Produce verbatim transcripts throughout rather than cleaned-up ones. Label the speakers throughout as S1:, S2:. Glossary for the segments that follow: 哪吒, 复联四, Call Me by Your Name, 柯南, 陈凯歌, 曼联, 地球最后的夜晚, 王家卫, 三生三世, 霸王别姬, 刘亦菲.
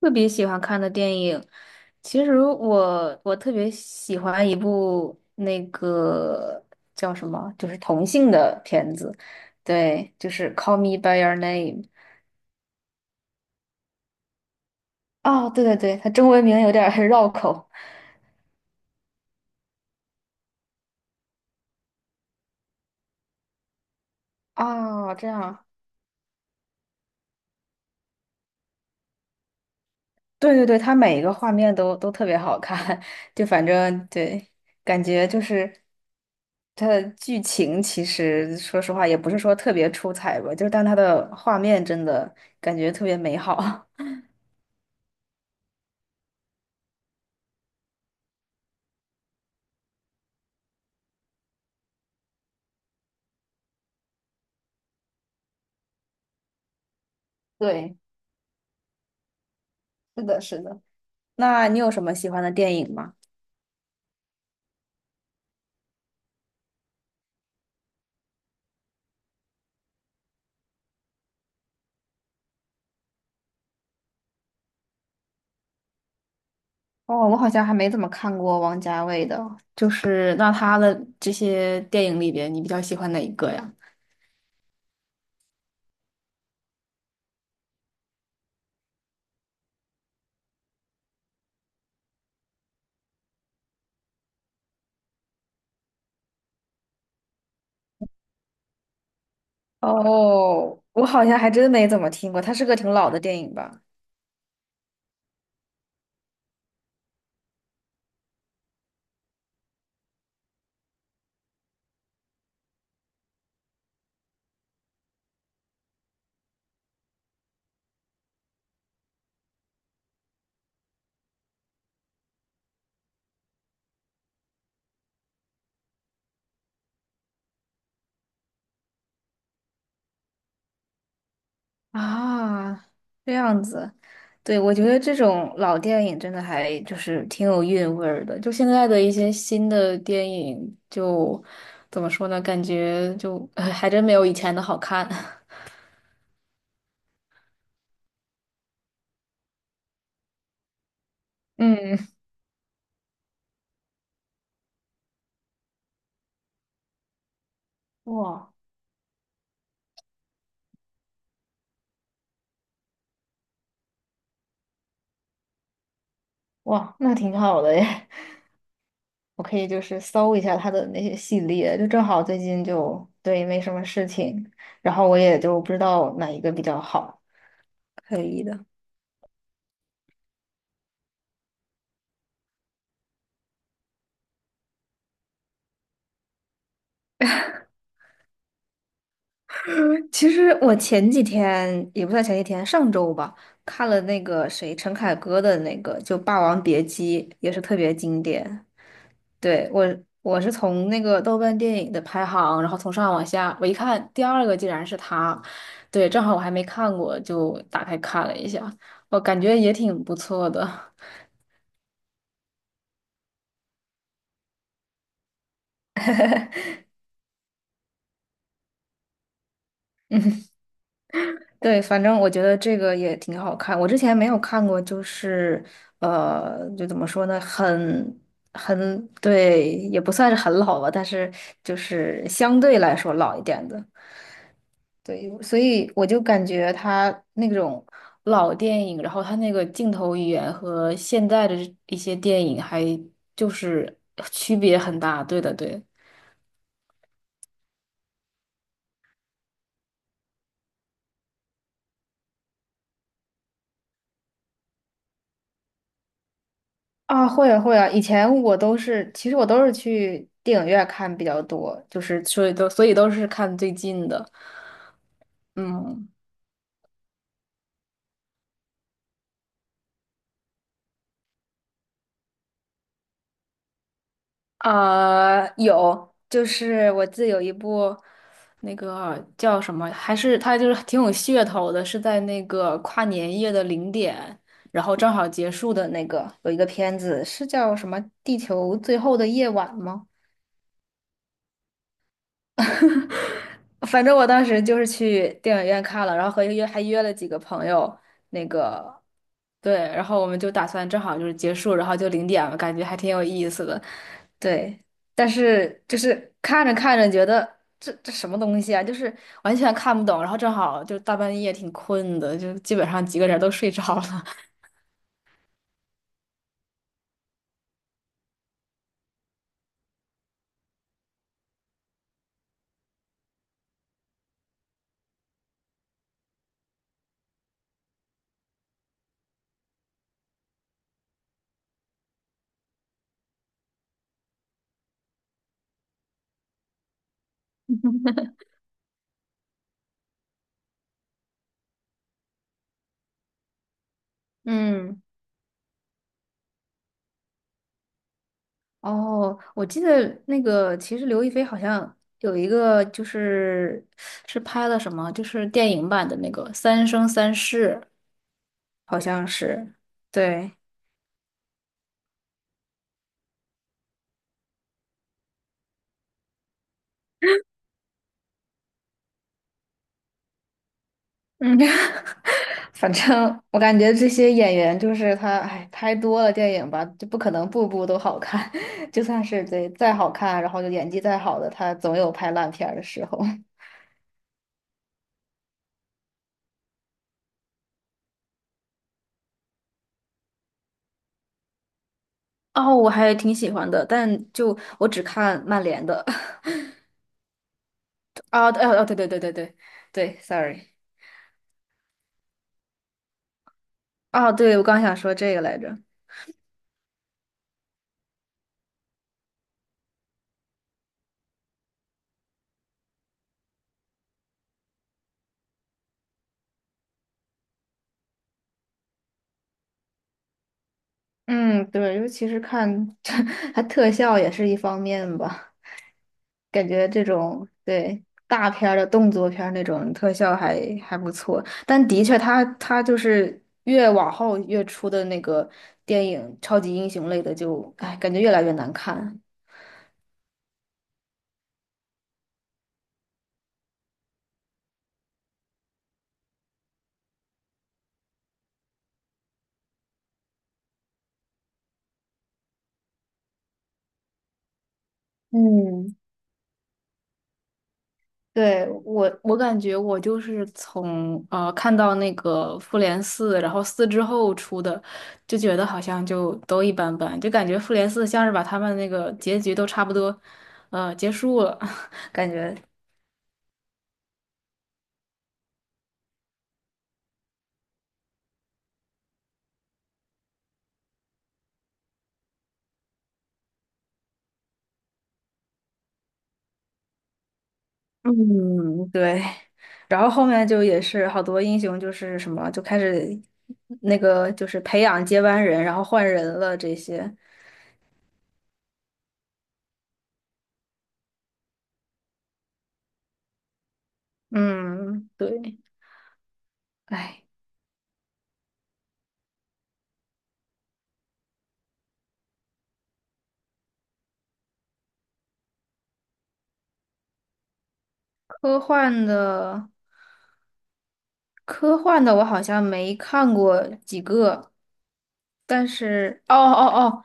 S1: 特别喜欢看的电影，其实我我特别喜欢一部那个叫什么，就是同性的片子，对，就是《Call Me by Your Name》。哦，对对对，它中文名有点儿 绕口。哦，这样，对对对，它每一个画面都都特别好看，就反正对，感觉就是它的剧情其实说实话也不是说特别出彩吧，就是但它的画面真的感觉特别美好。对，是的，是的。那你有什么喜欢的电影吗？哦，我好像还没怎么看过王家卫的，就是那他的这些电影里边，你比较喜欢哪一个呀？哦，我好像还真没怎么听过，他是个挺老的电影吧？啊，这样子，对，我觉得这种老电影真的还就是挺有韵味儿的。就现在的一些新的电影就，怎么说呢？感觉就 哎还真没有以前的好看。嗯，哇，哇，那挺好的耶！我可以就是搜一下他的那些系列，就正好最近就对没什么事情，然后我也就不知道哪一个比较好。可以的。其实我前几天也不算前几天，上周吧，看了那个谁陈凯歌的那个就《霸王别姬》，也是特别经典。对，我我是从那个豆瓣电影的排行，然后从上往下，我一看第二个竟然是他，对，正好我还没看过，就打开看了一下，我感觉也挺不错的。对，反正我觉得这个也挺好看，我之前没有看过，就是呃，就怎么说呢，很很对，也不算是很老吧，但是就是相对来说老一点的。对，所以我就感觉他那种老电影，然后他那个镜头语言和现在的一些电影还就是区别很大。对的，对。啊，会啊会啊，以前我都是，其实我都是去电影院看比较多，就是所以都所以都是看最近的。嗯，呃，有，就是我记得有一部那个叫什么，还是它就是挺有噱头的，是在那个跨年夜的零点，然后正好结束的那个有一个片子，是叫什么《地球最后的夜晚》吗？反正我当时就是去电影院看了，然后和约还约了几个朋友，那个对，然后我们就打算正好就是结束，然后就零点了，感觉还挺有意思的。对，但是就是看着看着觉得这这什么东西啊，就是完全看不懂，然后正好就大半夜挺困的，就基本上几个人都睡着了。嗯，哦，我记得那个，其实刘亦菲好像有一个，就是是拍了什么？就是电影版的那个《三生三世》。好像是，对。嗯，反正我感觉这些演员就是他，哎，拍多了电影吧，就不可能部部都好看。就算是对再好看，然后就演技再好的，他总有拍烂片儿的时候。哦，我还挺喜欢的，但就我只看曼联的。啊，对，哦，对对对对对对 s o r r y 啊，对，我刚想说这个来着。嗯，对，尤其是看 它特效也是一方面吧，感觉这种对大片儿的动作片儿那种特效还还不错，但的确它它就是越往后越出的那个电影超级英雄类的就，哎感觉越来越难看。嗯，对，我，我感觉我就是从呃看到那个复联四，然后四之后出的，就觉得好像就都一般般，就感觉复联四像是把他们那个结局都差不多，呃，结束了，感觉，嗯，对。然后后面就也是好多英雄就是什么就开始那个就是培养接班人，然后换人了这些，嗯，对，哎，科幻的。科幻的我好像没看过几个，但是哦哦哦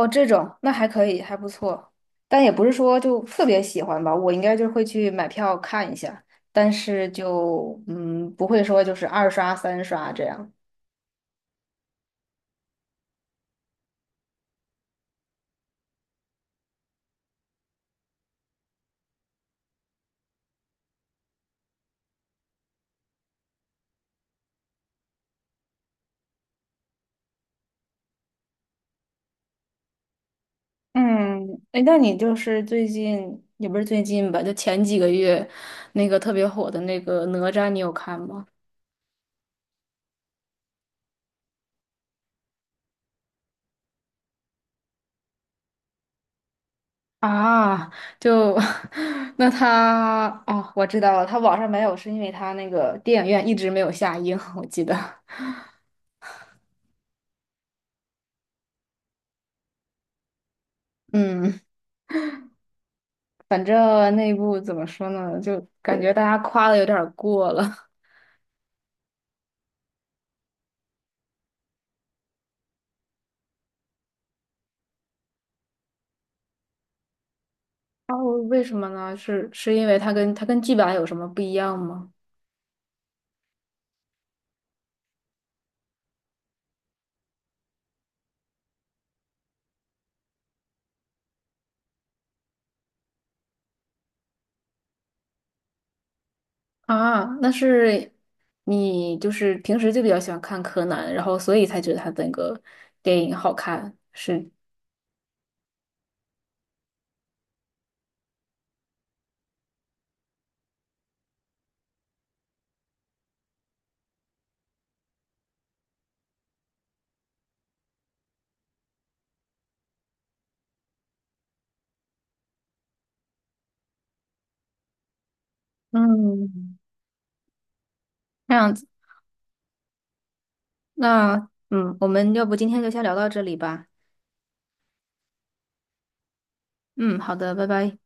S1: 哦，这种那还可以，还不错，但也不是说就特别喜欢吧，我应该就会去买票看一下，但是就嗯不会说就是二刷三刷这样。嗯，哎，那你就是最近也不是最近吧，就前几个月那个特别火的那个哪吒，你有看吗？啊，就 那他哦，我知道了，他网上没有，是因为他那个电影院一直没有下映，我记得。嗯，反正那部怎么说呢，就感觉大家夸的有点儿过了。哦，为什么呢？是是因为他跟他跟剧版有什么不一样吗？啊，那是你就是平时就比较喜欢看柯南，然后所以才觉得他那个电影好看，是。嗯，这样子。那嗯，我们要不今天就先聊到这里吧。嗯，好的，拜拜。